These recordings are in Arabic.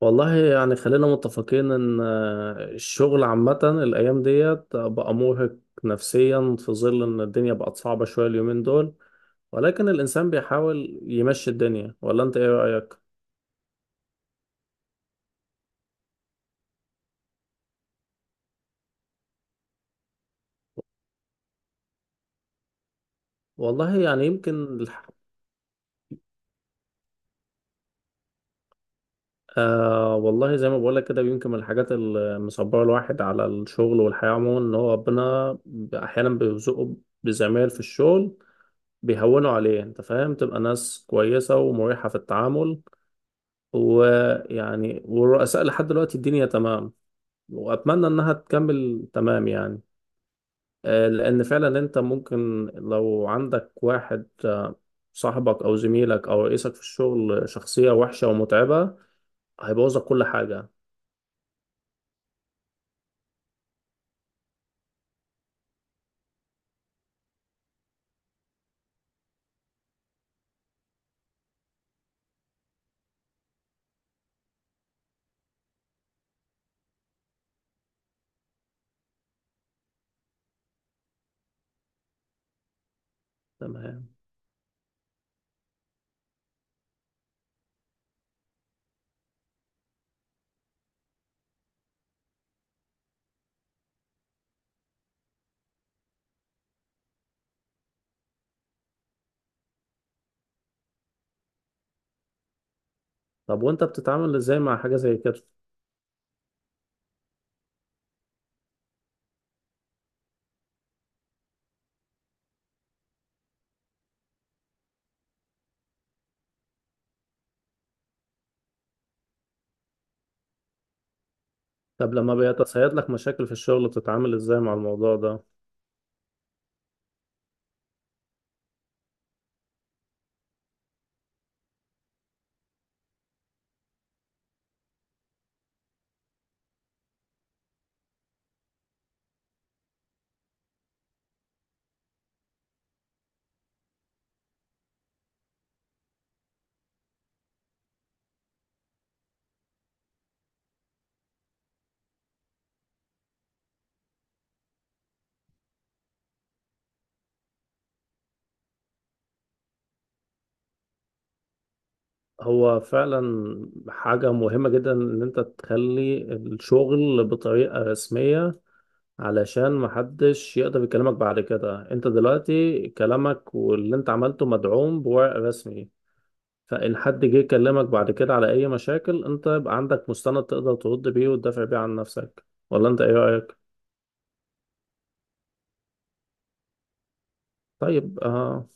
والله يعني خلينا متفقين ان الشغل عامة الايام ديت بقى مرهق نفسيا، في ظل ان الدنيا بقت صعبة شوية اليومين دول، ولكن الانسان بيحاول يمشي الدنيا. ولا انت ايه رأيك؟ والله يعني يمكن والله زي ما بقولك كده، يمكن من الحاجات اللي مصبرة الواحد على الشغل والحياة عموما ان هو ربنا احيانا بيرزقه بزمايل في الشغل بيهونوا عليه، انت فاهم، تبقى ناس كويسة ومريحة في التعامل. ويعني والرؤساء لحد دلوقتي الدنيا تمام، وأتمنى إنها تكمل تمام يعني. لأن فعلا أنت ممكن لو عندك واحد صاحبك أو زميلك أو رئيسك في الشغل شخصية وحشة ومتعبة، هيبوظك كل حاجة. تمام. طب وأنت بتتعامل إزاي مع حاجة زي كده؟ طب لما بيتصيد لك مشاكل في الشغل، بتتعامل إزاي مع الموضوع ده؟ هو فعلا حاجة مهمة جدا إن أنت تخلي الشغل بطريقة رسمية، علشان محدش يقدر يكلمك بعد كده. انت دلوقتي كلامك واللي انت عملته مدعوم بورق رسمي، فان حد جه يكلمك بعد كده على اي مشاكل، انت يبقى عندك مستند تقدر ترد بيه وتدافع بيه عن نفسك. ولا انت ايه رأيك؟ طيب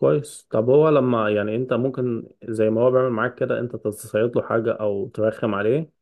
كويس. طب هو لما يعني انت ممكن زي ما هو بيعمل معاك كده، انت تصيد له حاجة او ترخم عليه؟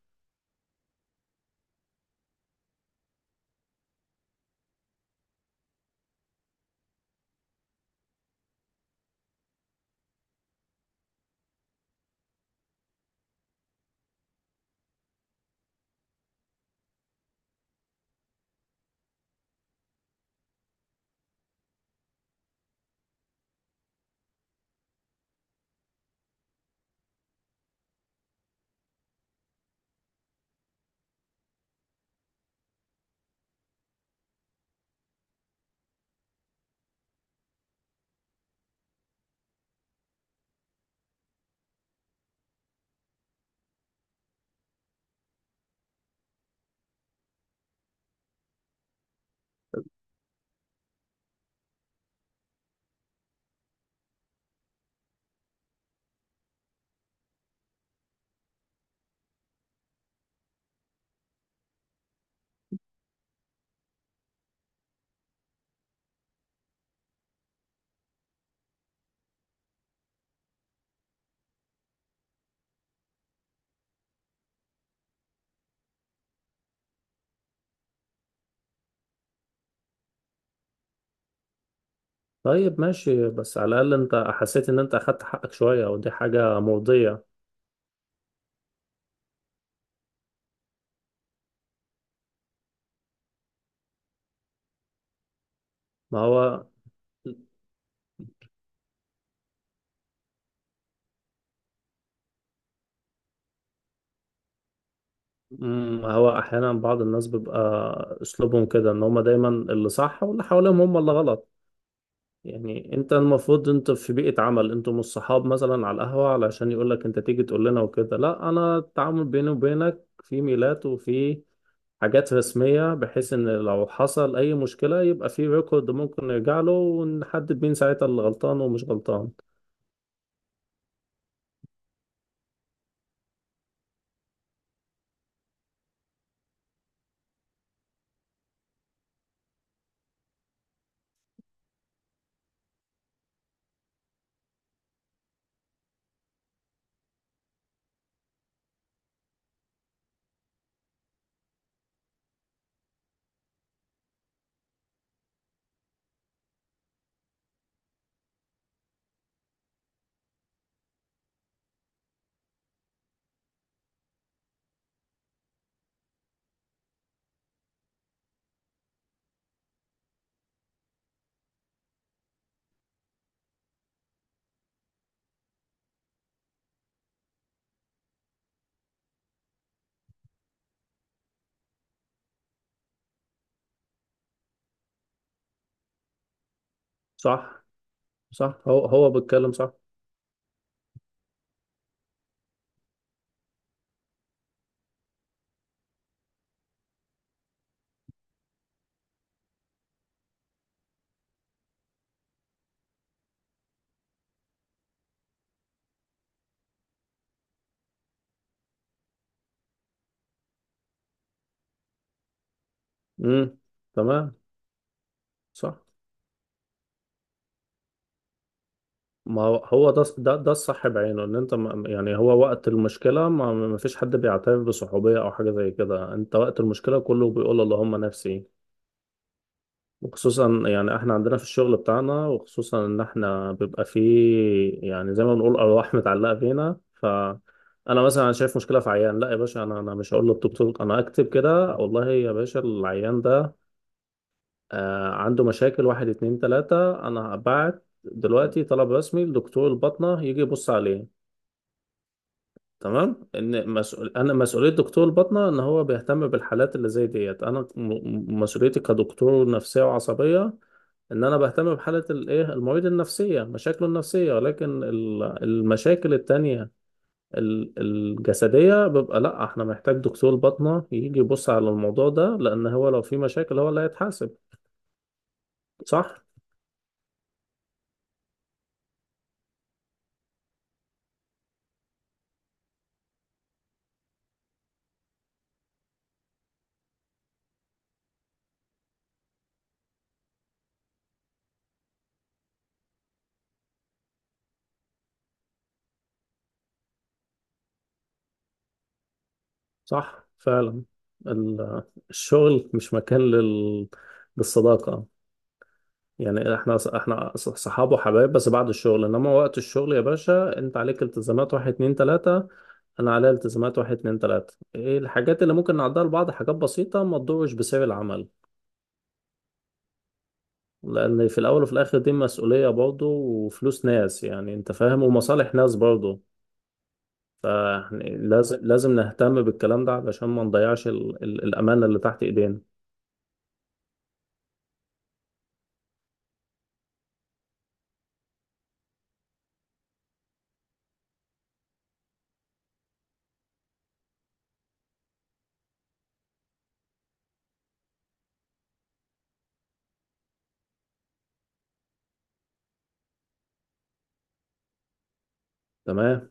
طيب ماشي، بس على الاقل انت حسيت ان انت اخدت حقك شوية، ودي حاجة مرضية. ما هو هو احيانا بعض الناس بيبقى اسلوبهم كده، ان هم دايما اللي صح واللي حواليهم هم اللي غلط. يعني انت المفروض انت في بيئة عمل، انتوا مش صحاب مثلا على القهوة علشان يقول لك انت تيجي تقول لنا وكده. لا، انا التعامل بيني وبينك في ميلات وفي حاجات رسمية، بحيث ان لو حصل اي مشكلة يبقى في ريكورد ممكن نرجع له ونحدد مين ساعتها اللي غلطان ومش غلطان. صح. صح، هو بيتكلم صح. امم، تمام. صح. ما هو ده الصح بعينه، ان انت، ما يعني، هو وقت المشكله ما فيش حد بيعترف بصحوبيه او حاجه زي كده. انت وقت المشكله كله بيقول اللهم نفسي. وخصوصا يعني احنا عندنا في الشغل بتاعنا، وخصوصا ان احنا بيبقى فيه يعني زي ما بنقول ارواح متعلقه فينا. انا مثلا شايف مشكله في عيان، لا يا باشا، انا مش هقول للدكتور انا اكتب كده، والله يا باشا العيان ده عنده مشاكل، واحد اتنين تلاته، انا هبعت دلوقتي طلب رسمي لدكتور الباطنه يجي يبص عليه. تمام، ان مسؤول، انا مسؤوليه دكتور الباطنه ان هو بيهتم بالحالات اللي زي ديت. انا مسؤوليتي كدكتور نفسيه وعصبيه ان انا بهتم بحاله الايه المريض النفسيه، مشاكله النفسيه. ولكن المشاكل التانية الجسديه بيبقى لا، احنا محتاج دكتور باطنه يجي يبص على الموضوع ده، لان هو لو في مشاكل هو اللي هيتحاسب. صح. صح فعلا. ال- الشغل مش مكان للصداقه. يعني احنا صحاب وحبايب، بس بعد الشغل. انما وقت الشغل يا باشا، انت عليك التزامات واحد اتنين تلاتة، انا عليا التزامات واحد اتنين تلاتة. ايه الحاجات اللي ممكن نعدها لبعض؟ حاجات بسيطة ما تضرش بسعر العمل. لان في الاول وفي الاخر دي مسؤولية برضه، وفلوس ناس، يعني انت فاهم، ومصالح ناس برضه. فلازم لازم نهتم بالكلام ده علشان ما نضيعش الامانة اللي تحت ايدينا. تمام.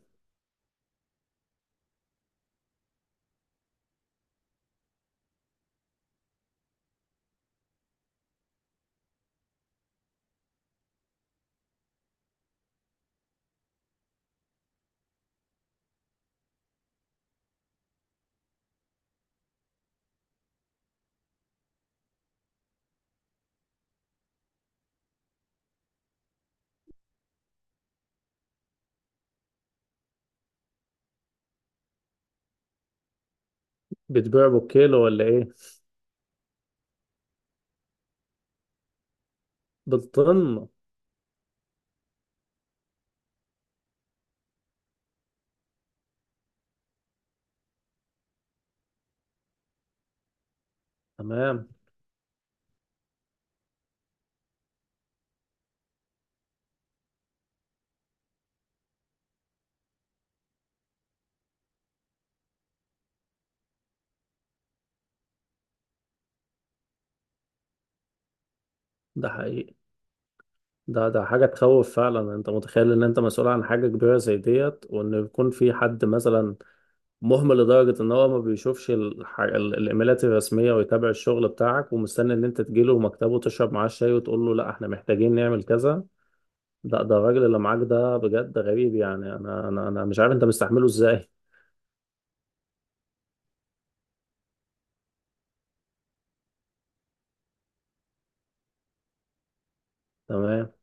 بتبيع بالكيلو ولا ايه؟ بالطن؟ تمام. ده حقيقي. ده حاجة تخوف فعلا. انت متخيل ان انت مسؤول عن حاجة كبيرة زي ديت، وان يكون في حد مثلا مهمل لدرجة ان هو ما بيشوفش الايميلات الرسمية ويتابع الشغل بتاعك، ومستني ان انت تجيله مكتبه تشرب معاه الشاي وتقول له لا احنا محتاجين نعمل كذا؟ لا، ده الراجل اللي معاك ده بجد غريب. يعني انا مش عارف انت مستحمله ازاي. تمام.